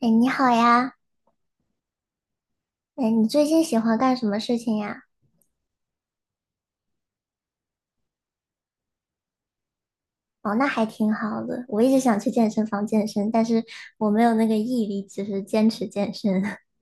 哎，你好呀！哎，你最近喜欢干什么事情呀？哦，那还挺好的。我一直想去健身房健身，但是我没有那个毅力，就是坚持健身。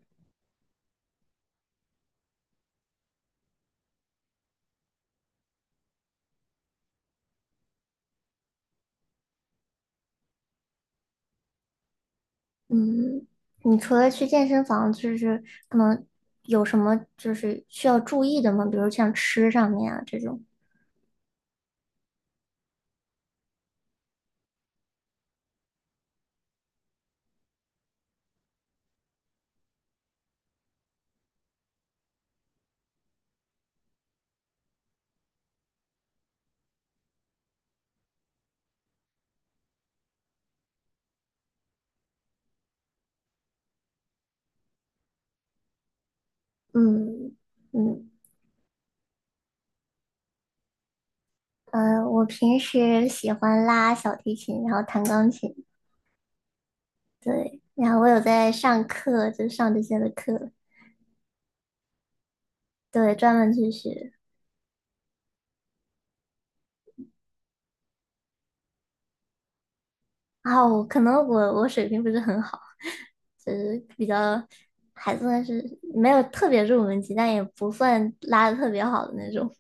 嗯，你除了去健身房，就是可能有什么就是需要注意的吗？比如像吃上面啊这种。嗯嗯。嗯，我平时喜欢拉小提琴，然后弹钢琴，对，然后我有在上课，就上这些的课，对，专门去学。然后我可能我我水平不是很好，就是比较还算是没有特别入门级，但也不算拉的特别好的那种。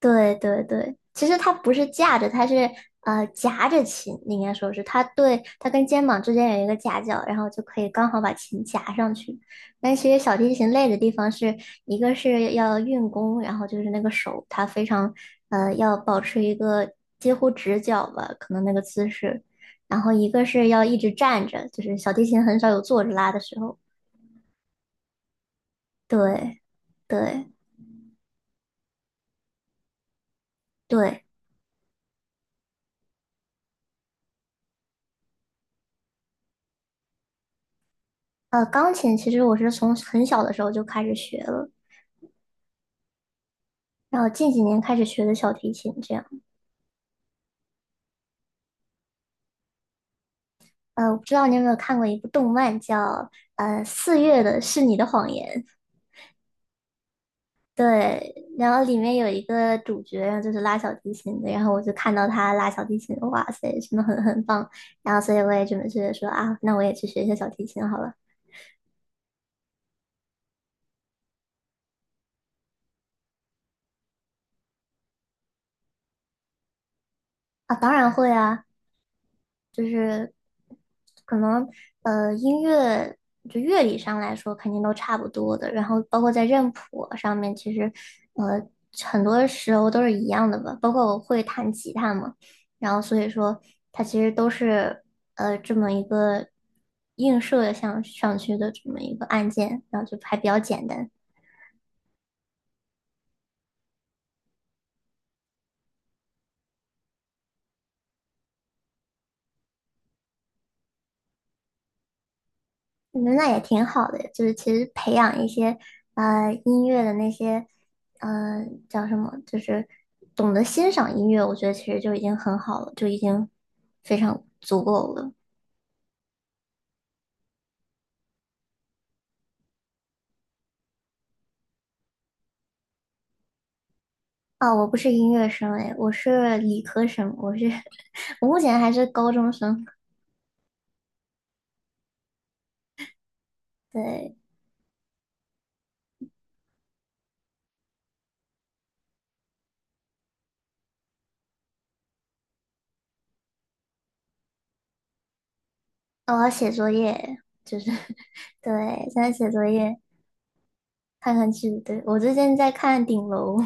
对对对，其实它不是架着，它是夹着琴，应该说是它对它跟肩膀之间有一个夹角，然后就可以刚好把琴夹上去。但其实小提琴累的地方是一个是要运弓，然后就是那个手它非常要保持一个几乎直角吧，可能那个姿势，然后一个是要一直站着，就是小提琴很少有坐着拉的时候。对对对，呃，钢琴其实我是从很小的时候就开始学了。然后近几年开始学的小提琴，这样。呃，我不知道你有没有看过一部动漫叫《四月的是你的谎言》，对，然后里面有一个主角，然后就是拉小提琴的，然后我就看到他拉小提琴，哇塞，真的很棒，然后所以我也准备去说啊，那我也去学一下小提琴好了。啊，当然会啊，能音乐就乐理上来说肯定都差不多的，然后包括在认谱上面，其实呃很多时候都是一样的吧。包括我会弹吉他嘛，然后所以说它其实都是这么一个映射向上去的这么一个按键，然后就还比较简单。嗯，那也挺好的，就是其实培养一些音乐的那些叫什么，就是懂得欣赏音乐，我觉得其实就已经很好了，就已经非常足够了。啊，我不是音乐生诶，我是理科生，我是 我目前还是高中生。对，哦我要写作业，就是 对，现在写作业，看看剧。对，我最近在看《顶楼》。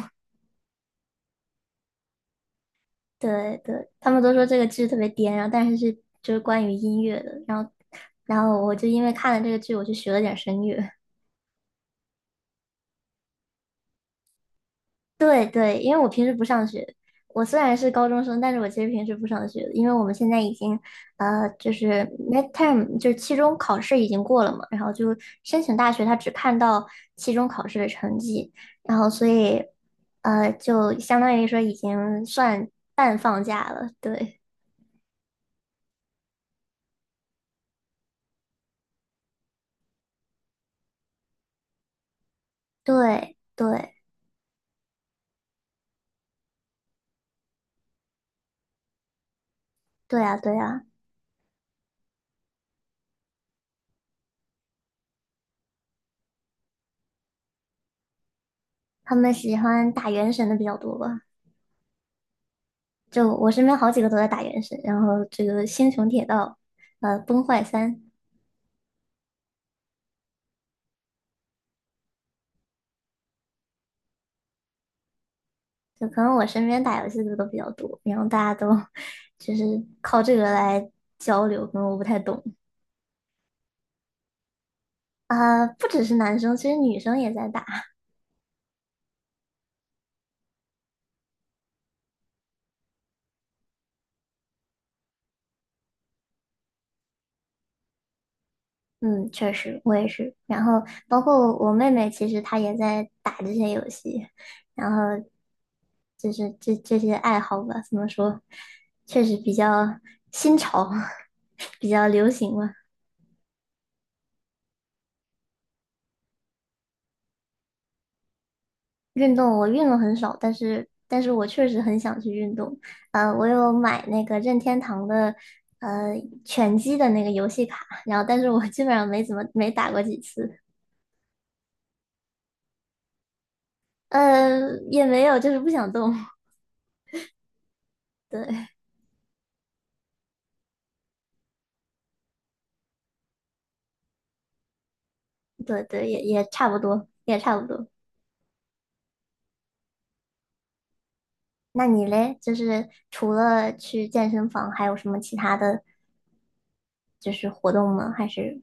对对，他们都说这个剧特别颠，然后但是是就是关于音乐的，然后然后我就因为看了这个剧，我就学了点声乐。对对，因为我平时不上学，我虽然是高中生，但是我其实平时不上学的因为我们现在已经就是 midterm 就是期中考试已经过了嘛，然后就申请大学，他只看到期中考试的成绩，然后所以就相当于说已经算半放假了，对对对对啊对啊。他们喜欢打原神的比较多吧？就我身边好几个都在打原神，然后这个《星穹铁道》《崩坏三》，就可能我身边打游戏的都比较多，然后大家都 就是靠这个来交流，可能我不太懂。啊、不只是男生，其实女生也在打。嗯，确实我也是。然后包括我妹妹，其实她也在打这些游戏，然后就是这这些爱好吧，怎么说，确实比较新潮，比较流行吧。运动我运动很少，但是我确实很想去运动。呃，我有买那个任天堂的呃拳击的那个游戏卡，然后但是我基本上没怎么没打过几次，呃，也没有就是不想动。对对对，也也差不多，也差不多。那你嘞，就是除了去健身房，还有什么其他的就是活动吗？还是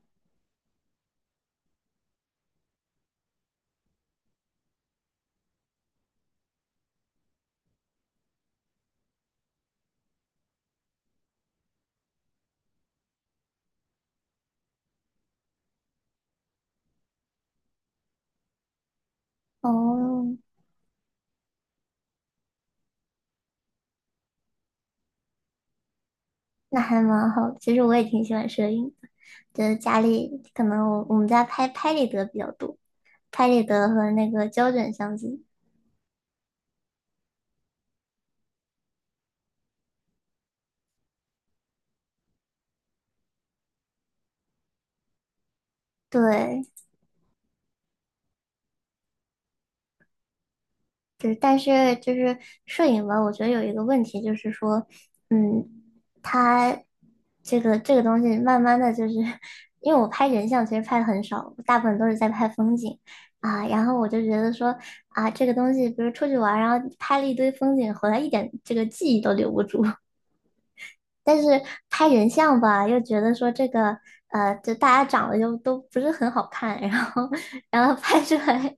哦，那还蛮好的，其实我也挺喜欢摄影的，就是家里可能我们家拍拍立得比较多。拍立得和那个胶卷相机。对，就是但是就是摄影吧，我觉得有一个问题就是说，嗯，它这个东西慢慢的就是，因为我拍人像其实拍的很少，大部分都是在拍风景啊，然后我就觉得说啊，这个东西比如出去玩儿然后拍了一堆风景，回来一点这个记忆都留不住。但是拍人像吧，又觉得说这个，呃，就大家长得就都不是很好看，然后，然后拍出来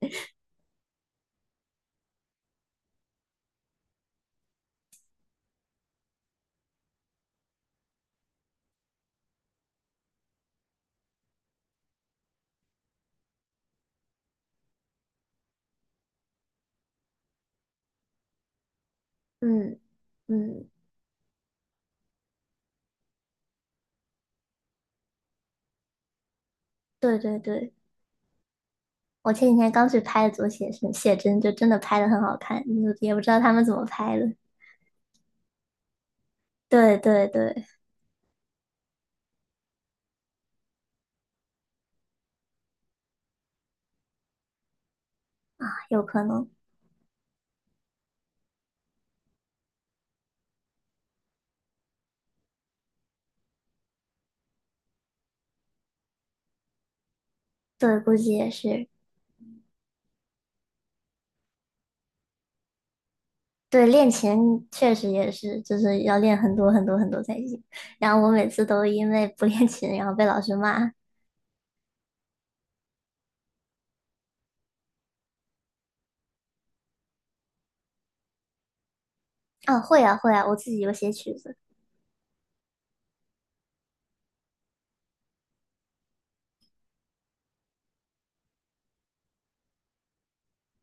嗯嗯，对对对，我前几天刚去拍的左写生写真，就真的拍的很好看，就也不知道他们怎么拍的。对对对，有可能，对，估计也是。对，练琴确实也是，就是要练很多很多很多才行。然后我每次都因为不练琴，然后被老师骂。啊，会啊会啊，我自己有写曲子，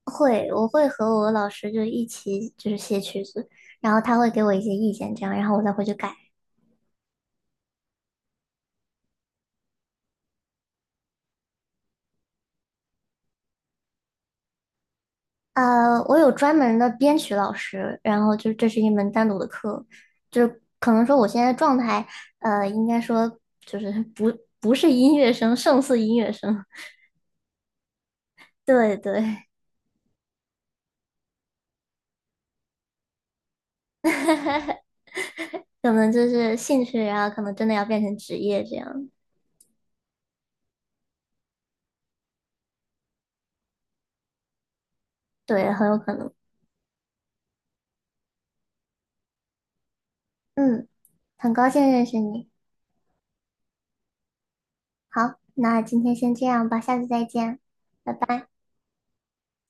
会，我会和我老师就一起就是写曲子，然后他会给我一些意见，这样，然后我再回去改。呃，我有专门的编曲老师，然后就是这是一门单独的课，就是可能说我现在状态，呃，应该说就是不是音乐生，胜似音乐生，对对，可能就是兴趣啊，然后可能真的要变成职业这样，对，很有可能，嗯，很高兴认识你，好，那今天先这样吧，下次再见，拜拜。